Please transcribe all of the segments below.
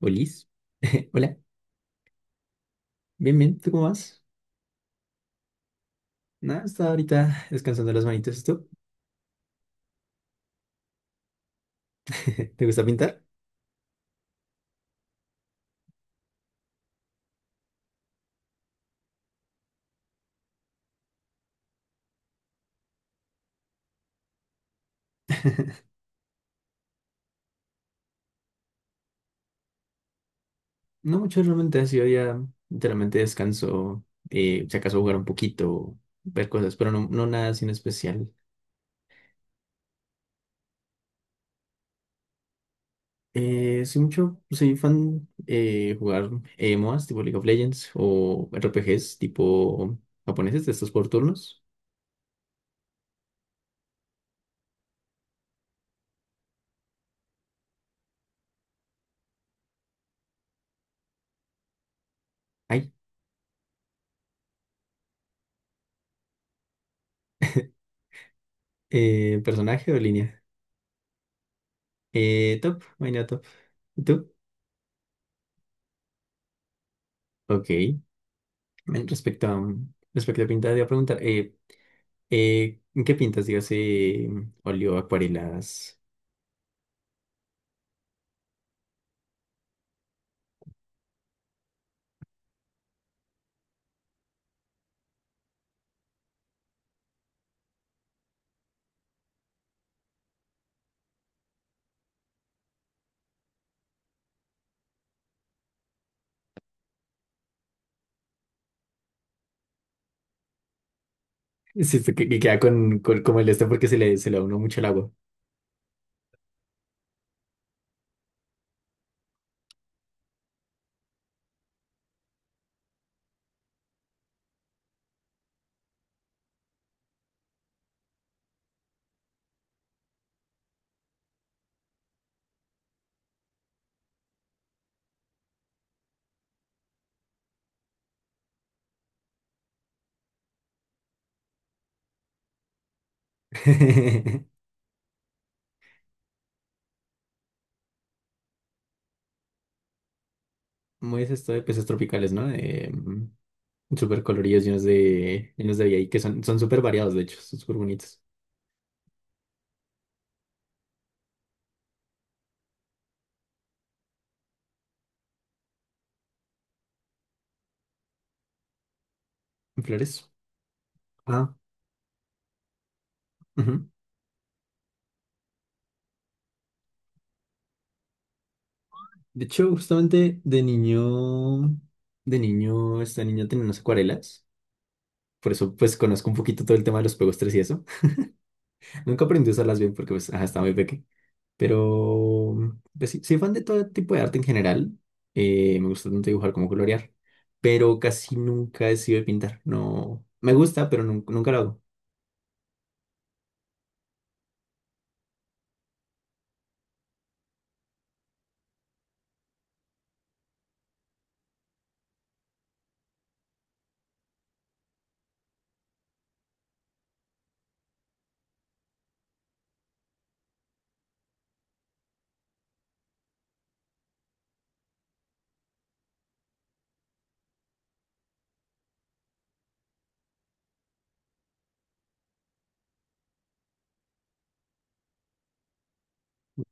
Olis, hola, bien, bien, ¿tú cómo vas? Nada, estaba ahorita descansando las manitas, ¿tú? ¿Te gusta pintar? No mucho realmente, así hoy ya literalmente descanso, si acaso jugar un poquito, ver cosas, pero no, no nada sin especial. Soy mucho, soy fan jugar MOAs tipo League of Legends o RPGs tipo japoneses de estos por turnos. Ay, personaje o línea. Top, vaina top. ¿Y tú? Ok. Men, respecto a, respecto a pintar, te iba a preguntar, ¿en qué pintas? Digas, óleo, acuarelas. Sí, este que queda con, como el este porque se le aunó mucho el agua. Muy es esto de peces tropicales, ¿no? De, súper coloridos, llenos de vida y que son, son súper variados, de hecho, son súper bonitos. ¿Flores? Ah, ujú. De hecho, justamente de niño, esta niña tenía unas acuarelas. Por eso, pues, conozco un poquito todo el tema de los pegostres y eso. Nunca aprendí a usarlas bien porque pues, ajá, estaba muy pequeño. Pero pues, sí, soy fan de todo tipo de arte en general. Me gusta tanto dibujar como colorear. Pero casi nunca he sido de pintar. No, me gusta, pero nunca, lo hago.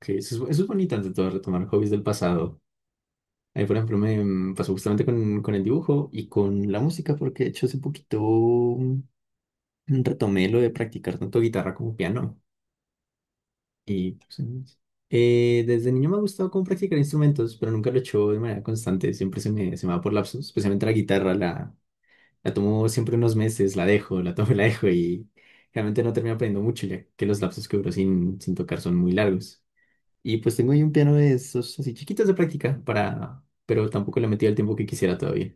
Que eso es, eso es bonito ante todo, retomar hobbies del pasado. Ahí, por ejemplo, me pasó justamente con el dibujo y con la música, porque de hecho hace poquito retomé lo de practicar tanto guitarra como piano. Y pues, desde niño me ha gustado como practicar instrumentos, pero nunca lo he hecho de manera constante. Siempre se me va por lapsos, especialmente la guitarra. La tomo siempre unos meses, la dejo, la tomo y la dejo y realmente no termino aprendiendo mucho, ya que los lapsos que duro sin, sin tocar son muy largos. Y pues tengo ahí un piano de esos así chiquitos de práctica para, pero tampoco le he metido el tiempo que quisiera todavía.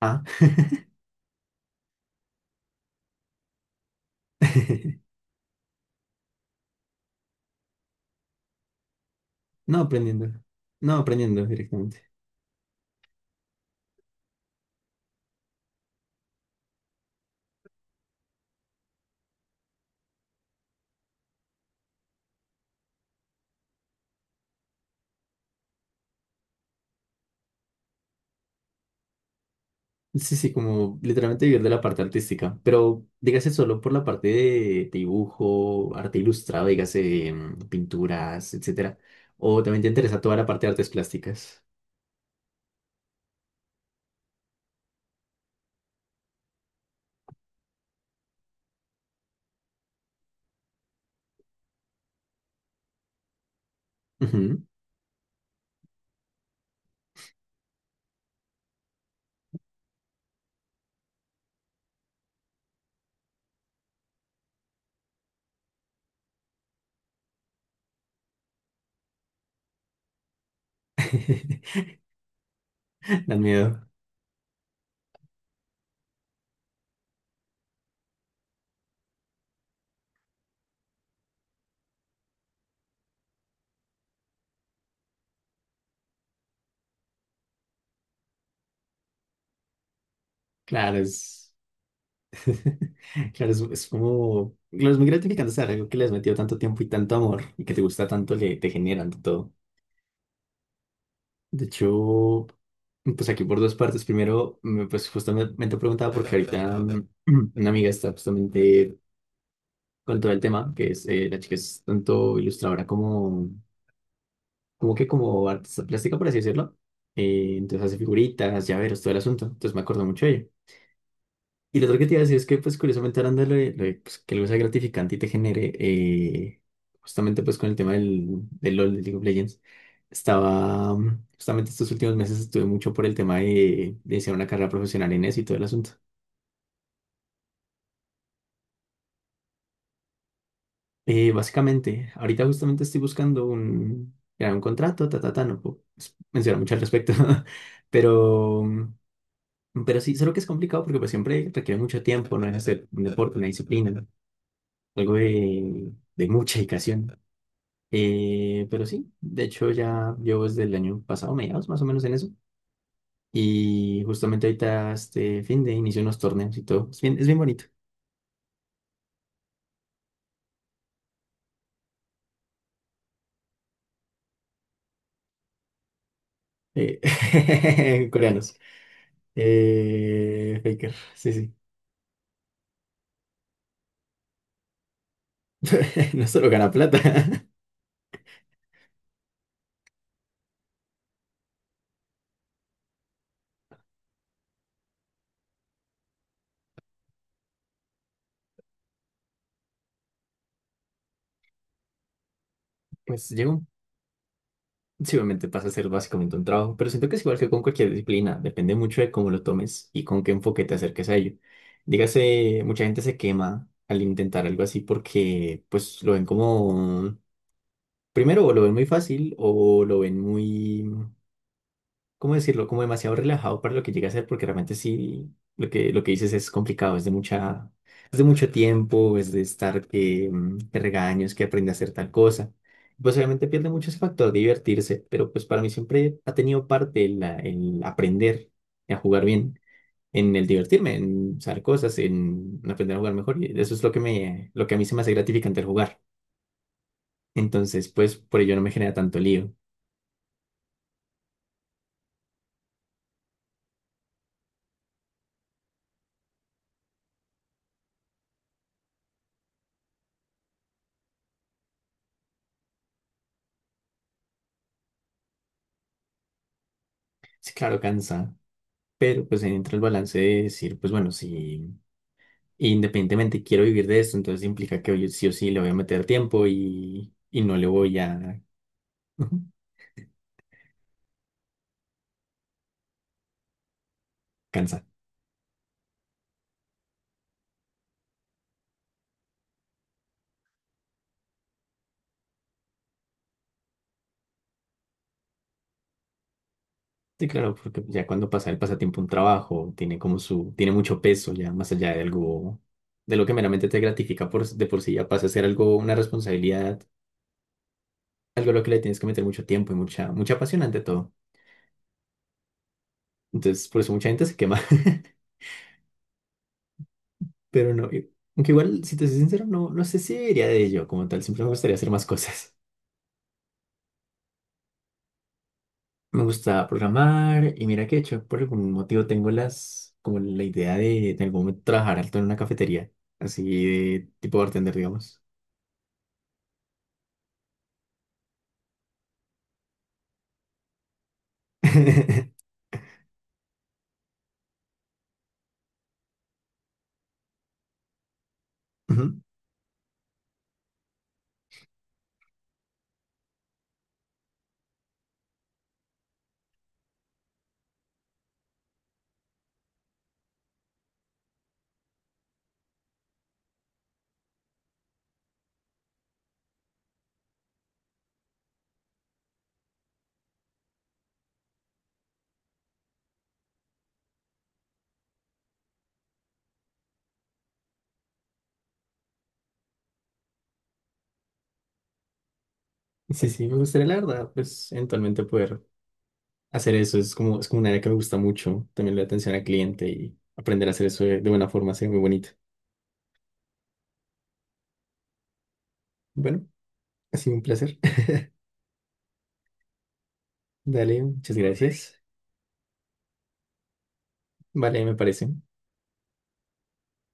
Ah, no aprendiendo, no aprendiendo directamente. Sí, sí, como literalmente vivir de la parte artística, pero dígase solo por la parte de dibujo, arte ilustrado, dígase pinturas, etcétera. O también te interesa toda la parte de artes plásticas. Ujú. Dan miedo. Claro, es, claro, es como, claro, es muy gratificante saber algo que le has metido tanto tiempo y tanto amor y que te gusta tanto, le te generan todo. De hecho, pues aquí por dos partes. Primero, pues justamente preguntaba porque ahorita una amiga está justamente con todo el tema, que es la chica es tanto ilustradora como, como que como artista plástica, por así decirlo. Entonces hace figuritas, llaveros, todo el asunto. Entonces me acuerdo mucho de ella. Y lo otro que te iba a decir es que, pues, curiosamente, hablando de, pues, que algo sea gratificante y te genere, justamente, pues, con el tema del, del LOL, de League of Legends, estaba, justamente estos últimos meses estuve mucho por el tema de hacer una carrera profesional en eso y todo el asunto. Básicamente, ahorita justamente estoy buscando un, crear un contrato, ta, ta, ta, no puedo pues, mencionar mucho al respecto, pero, pero sí, solo que es complicado porque pues siempre requiere mucho tiempo, no es hacer un deporte, una disciplina, algo de mucha dedicación. Pero sí, de hecho ya llevo desde el año pasado, mediados más o menos en eso, y justamente ahorita este fin de inicio unos torneos y todo, es bien bonito. Coreanos. Faker, sí, sí. No solo gana plata. Pues llega un... sí, obviamente pasa a ser básicamente un trabajo, pero siento que es igual que con cualquier disciplina, depende mucho de cómo lo tomes y con qué enfoque te acerques a ello. Dígase, mucha gente se quema al intentar algo así porque pues lo ven como, primero o lo ven muy fácil o lo ven muy ¿cómo decirlo? Como demasiado relajado para lo que llega a ser, porque realmente sí, lo que dices es complicado, es de mucha, es de mucho tiempo, es de estar que te regaños, que aprende a hacer tal cosa. Pues obviamente pierde mucho ese factor de divertirse, pero pues para mí siempre ha tenido parte el, el aprender a jugar bien, en el divertirme, en saber cosas, en aprender a jugar mejor, y eso es lo que me, lo que a mí se me hace gratificante el jugar. Entonces, pues por ello no me genera tanto lío. Sí, claro, cansa. Pero pues ahí entra el balance de decir, pues bueno, si independientemente quiero vivir de esto, entonces implica que hoy sí o sí le voy a meter tiempo y no le voy a cansar. Sí, claro, porque ya cuando pasa el pasatiempo a un trabajo, tiene como su, tiene mucho peso ya más allá de algo, de lo que meramente te gratifica por, de por sí, ya pasa a ser algo, una responsabilidad, algo a lo que le tienes que meter mucho tiempo y mucha, mucha pasión ante todo. Entonces, por eso mucha gente se quema, pero no. Aunque igual, si te soy sincero, no, no sé si debería de ello como tal, siempre me gustaría hacer más cosas. Me gusta programar y mira que de hecho por algún motivo tengo las como la idea de en algún momento trabajar alto en una cafetería, así de tipo bartender, digamos. Ujú. Sí, sí, me gustaría la verdad, pues eventualmente poder hacer eso, es como un área que me gusta mucho, también la atención al cliente y aprender a hacer eso de buena forma, sería muy bonito. Bueno, ha sido un placer. Dale, muchas gracias. Vale, me parece.